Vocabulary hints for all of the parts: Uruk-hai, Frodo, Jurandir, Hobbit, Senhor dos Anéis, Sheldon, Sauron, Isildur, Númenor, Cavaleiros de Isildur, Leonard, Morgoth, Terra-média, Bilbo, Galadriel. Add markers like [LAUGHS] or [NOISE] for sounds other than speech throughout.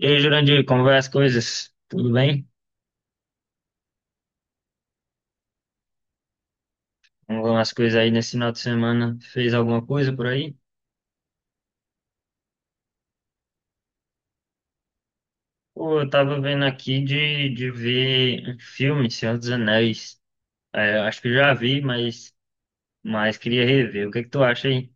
E aí, Jurandir, como vai as coisas? Tudo bem? Como vão as coisas aí nesse final de semana? Fez alguma coisa por aí? Pô, eu tava vendo aqui de ver um filme, Senhor dos Anéis. É, acho que já vi, mas queria rever. O que é que tu acha aí?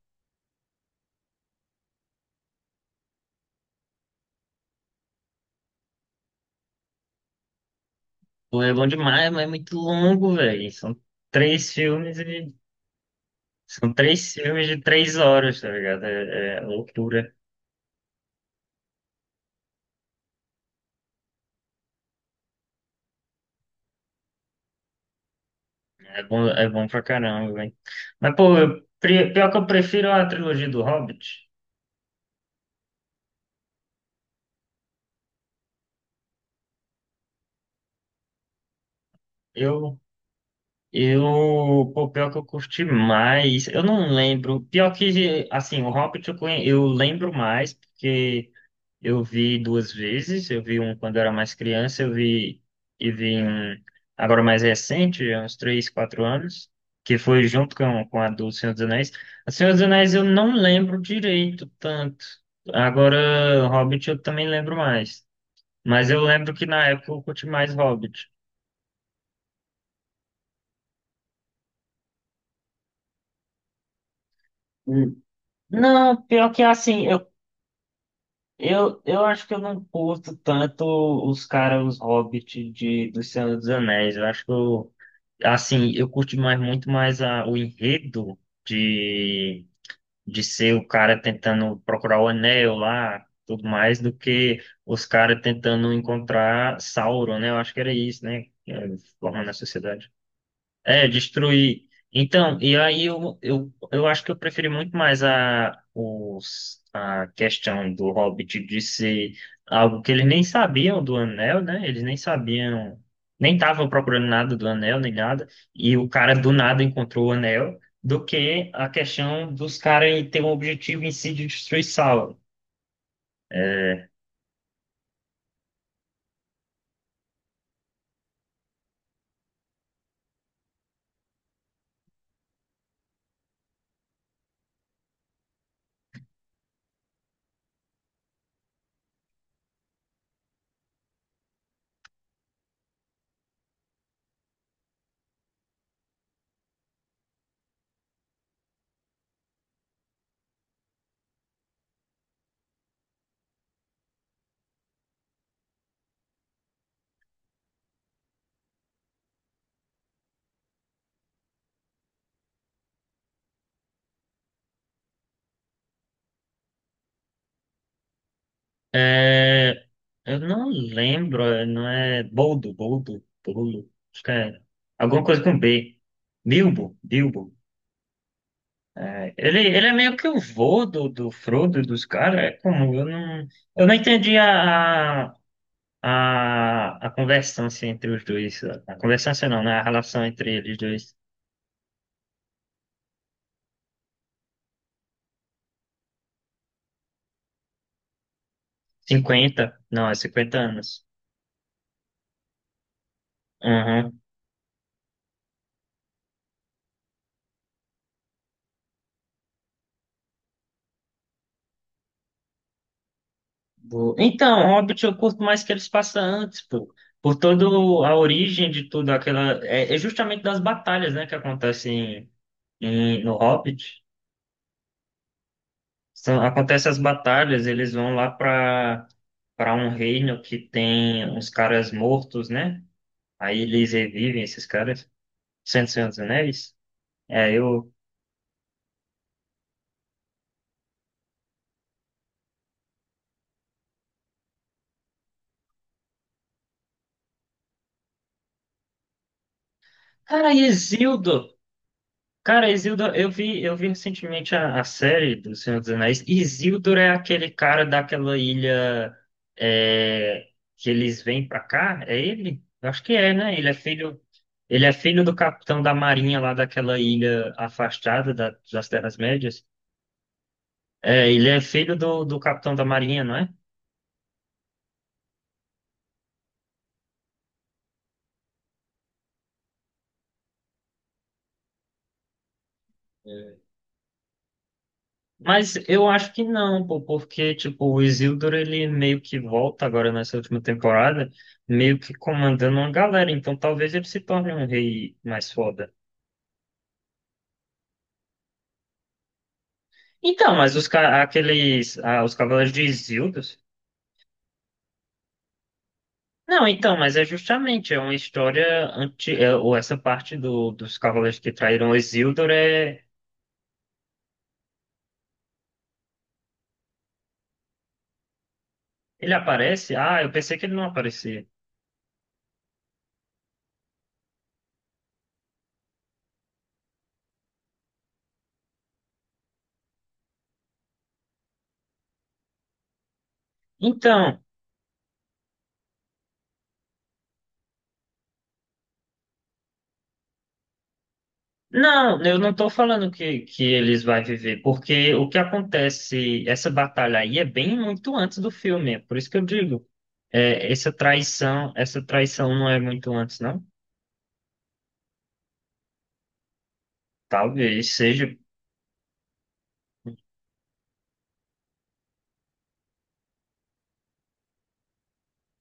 Pô, é bom demais, mas é muito longo, velho. São três filmes e... São três filmes de 3 horas, tá ligado? É loucura. É bom pra caramba, velho. Mas, pô, eu, pior que eu prefiro a trilogia do Hobbit. Eu Eu, pô, pior que eu curti mais, eu não lembro. Pior que, assim, o Hobbit eu lembro mais, porque eu vi duas vezes. Eu vi um quando eu era mais criança, eu vi, e vi um agora mais recente, há uns 3, 4 anos, que foi junto com a do Senhor dos Anéis. A Senhor dos Anéis eu não lembro direito tanto. Agora, Hobbit eu também lembro mais. Mas eu lembro que na época eu curti mais Hobbit. Hum. Não, pior que assim, eu acho que eu não curto tanto os caras, os hobbits do Senhor dos Anéis. Eu acho que eu, assim, eu curto mais, muito mais o enredo de, de ser o cara tentando procurar o anel lá, tudo mais, do que os caras tentando encontrar Sauron, né? Eu acho que era isso, né? É, formando a sociedade. É, destruir. Então, e aí eu acho que eu preferi muito mais a questão do Hobbit de ser algo que eles nem sabiam do Anel, né? Eles nem sabiam, nem estavam procurando nada do Anel, nem nada. E o cara do nada encontrou o Anel, do que a questão dos caras ter um objetivo em si de destruir Sauron. Eu não lembro, é, não é Boldo, Boldo, Boldo, acho que é alguma coisa com B. Bilbo, Bilbo. Ele é meio que o vô do Frodo e dos caras, é como, eu não entendi a conversância entre os dois, a conversância não, né, a relação entre eles dois, 50 não, é 50 anos. Uhum. Então, Hobbit eu curto mais que eles passam antes, pô, por toda a origem de tudo, aquela, é justamente das batalhas, né, que acontecem no Hobbit. São, acontece as batalhas, eles vão lá para um reino que tem uns caras mortos, né? Aí eles revivem esses caras. Cento Senhor dos Anéis. É, eu. Cara, Isildur! Cara, Isildur, eu vi recentemente a série do Senhor dos Anéis. Isildur é aquele cara daquela ilha é, que eles vêm pra cá? É ele? Eu acho que é, né? Ele é filho. Ele é filho do capitão da marinha lá daquela ilha afastada das Terras-médias. É, ele é filho do capitão da marinha, não é? É, mas eu acho que não, pô, porque, tipo, o Isildur, ele meio que volta agora nessa última temporada, meio que comandando uma galera, então talvez ele se torne um rei mais foda. Então, mas aqueles, ah, os Cavaleiros de Isildur... Não, então, mas é justamente, é uma história ou essa parte dos Cavaleiros que traíram o Isildur, é... ele aparece? Ah, eu pensei que ele não aparecia. Então, não, eu não estou falando que eles vão viver, porque o que acontece, essa batalha aí é bem muito antes do filme, é por isso que eu digo, é, essa traição não é muito antes, não? Talvez seja.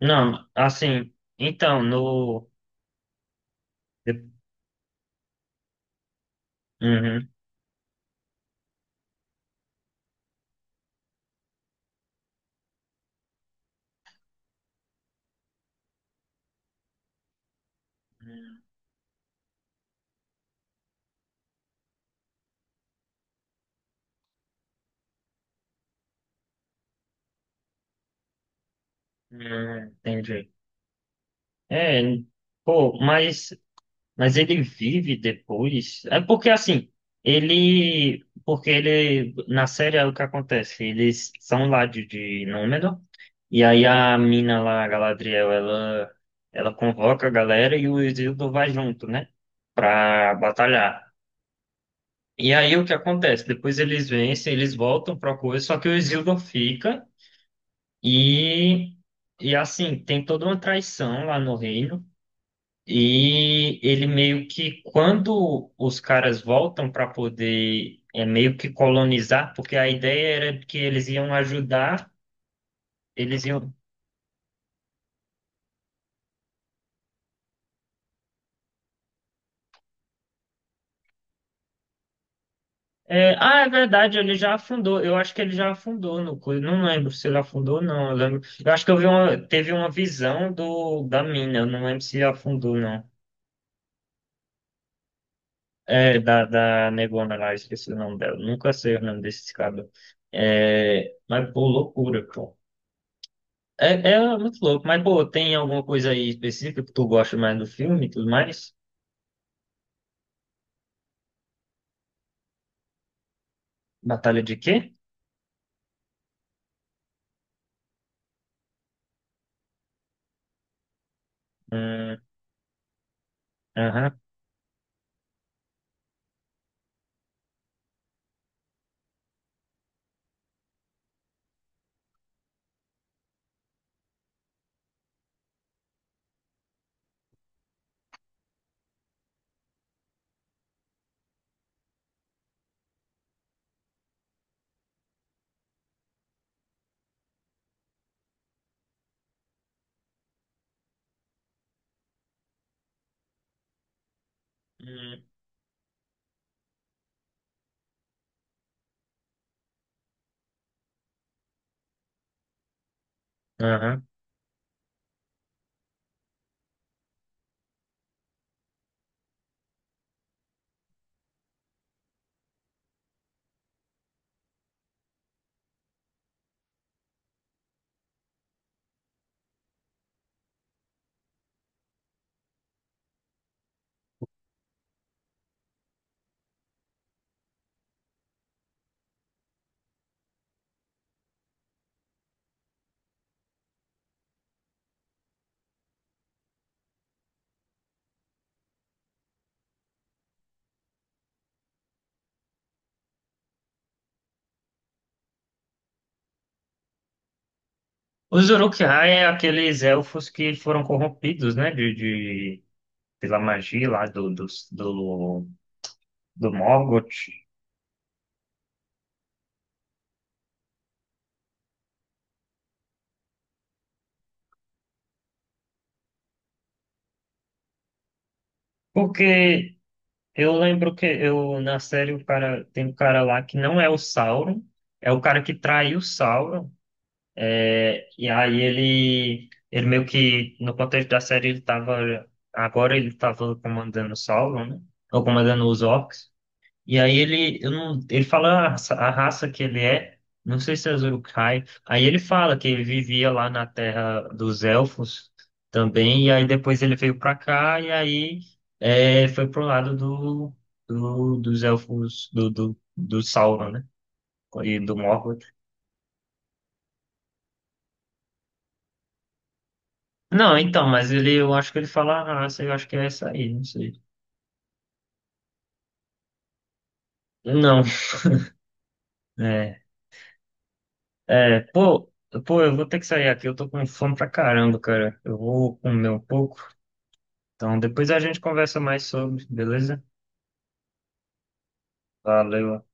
Não, assim, então, no. Uhum, uhum, entendi. É, pô, mas ele vive depois. É porque assim, ele. Porque ele. Na série é o que acontece. Eles são lá de Númenor. E aí a mina lá, a Galadriel, ela convoca a galera e o Isildur vai junto, né? Pra batalhar. E aí o que acontece? Depois eles vencem, eles voltam pra coisa, só que o Isildur fica e. E assim, tem toda uma traição lá no reino. E ele meio que, quando os caras voltam para poder meio que colonizar, porque a ideia era que eles iam ajudar, eles iam. Ah, é verdade, ele já afundou. Eu acho que ele já afundou no coisa. Não lembro se ele afundou, ou não. Eu lembro. Eu acho que eu vi uma, teve uma visão da mina. Eu não lembro se afundou, não. É, da negona lá, esqueci o nome dela. Nunca sei o nome desse cara. É, mas, pô, loucura, pô. É, é muito louco, mas pô, tem alguma coisa aí específica que tu gosta mais do filme e tudo mais? Batalha de quê? Hum, Aham. Hum, aham. Os Uruk-hai é aqueles elfos que foram corrompidos, né? Pela magia lá do Morgoth. Porque eu lembro que eu, na série o cara, tem um cara lá que não é o Sauron, é o cara que traiu o Sauron. E aí ele meio que, no contexto da série, ele tava, agora ele tava comandando o Sauron, né? Ou comandando os orcs. E aí ele, eu não, ele fala a raça que ele é, não sei se é Uruk-hai. Aí ele fala que ele vivia lá na terra dos elfos também, e aí depois ele veio pra cá, e aí foi pro lado do, dos elfos, do Sauron, né? E do Morgoth. Não, então, mas ele, eu acho que ele fala a raça, eu acho que é essa aí, não sei. Não, [LAUGHS] é, pô, pô, eu vou ter que sair aqui, eu tô com fome pra caramba, cara. Eu vou comer um pouco. Então, depois a gente conversa mais sobre, beleza? Valeu.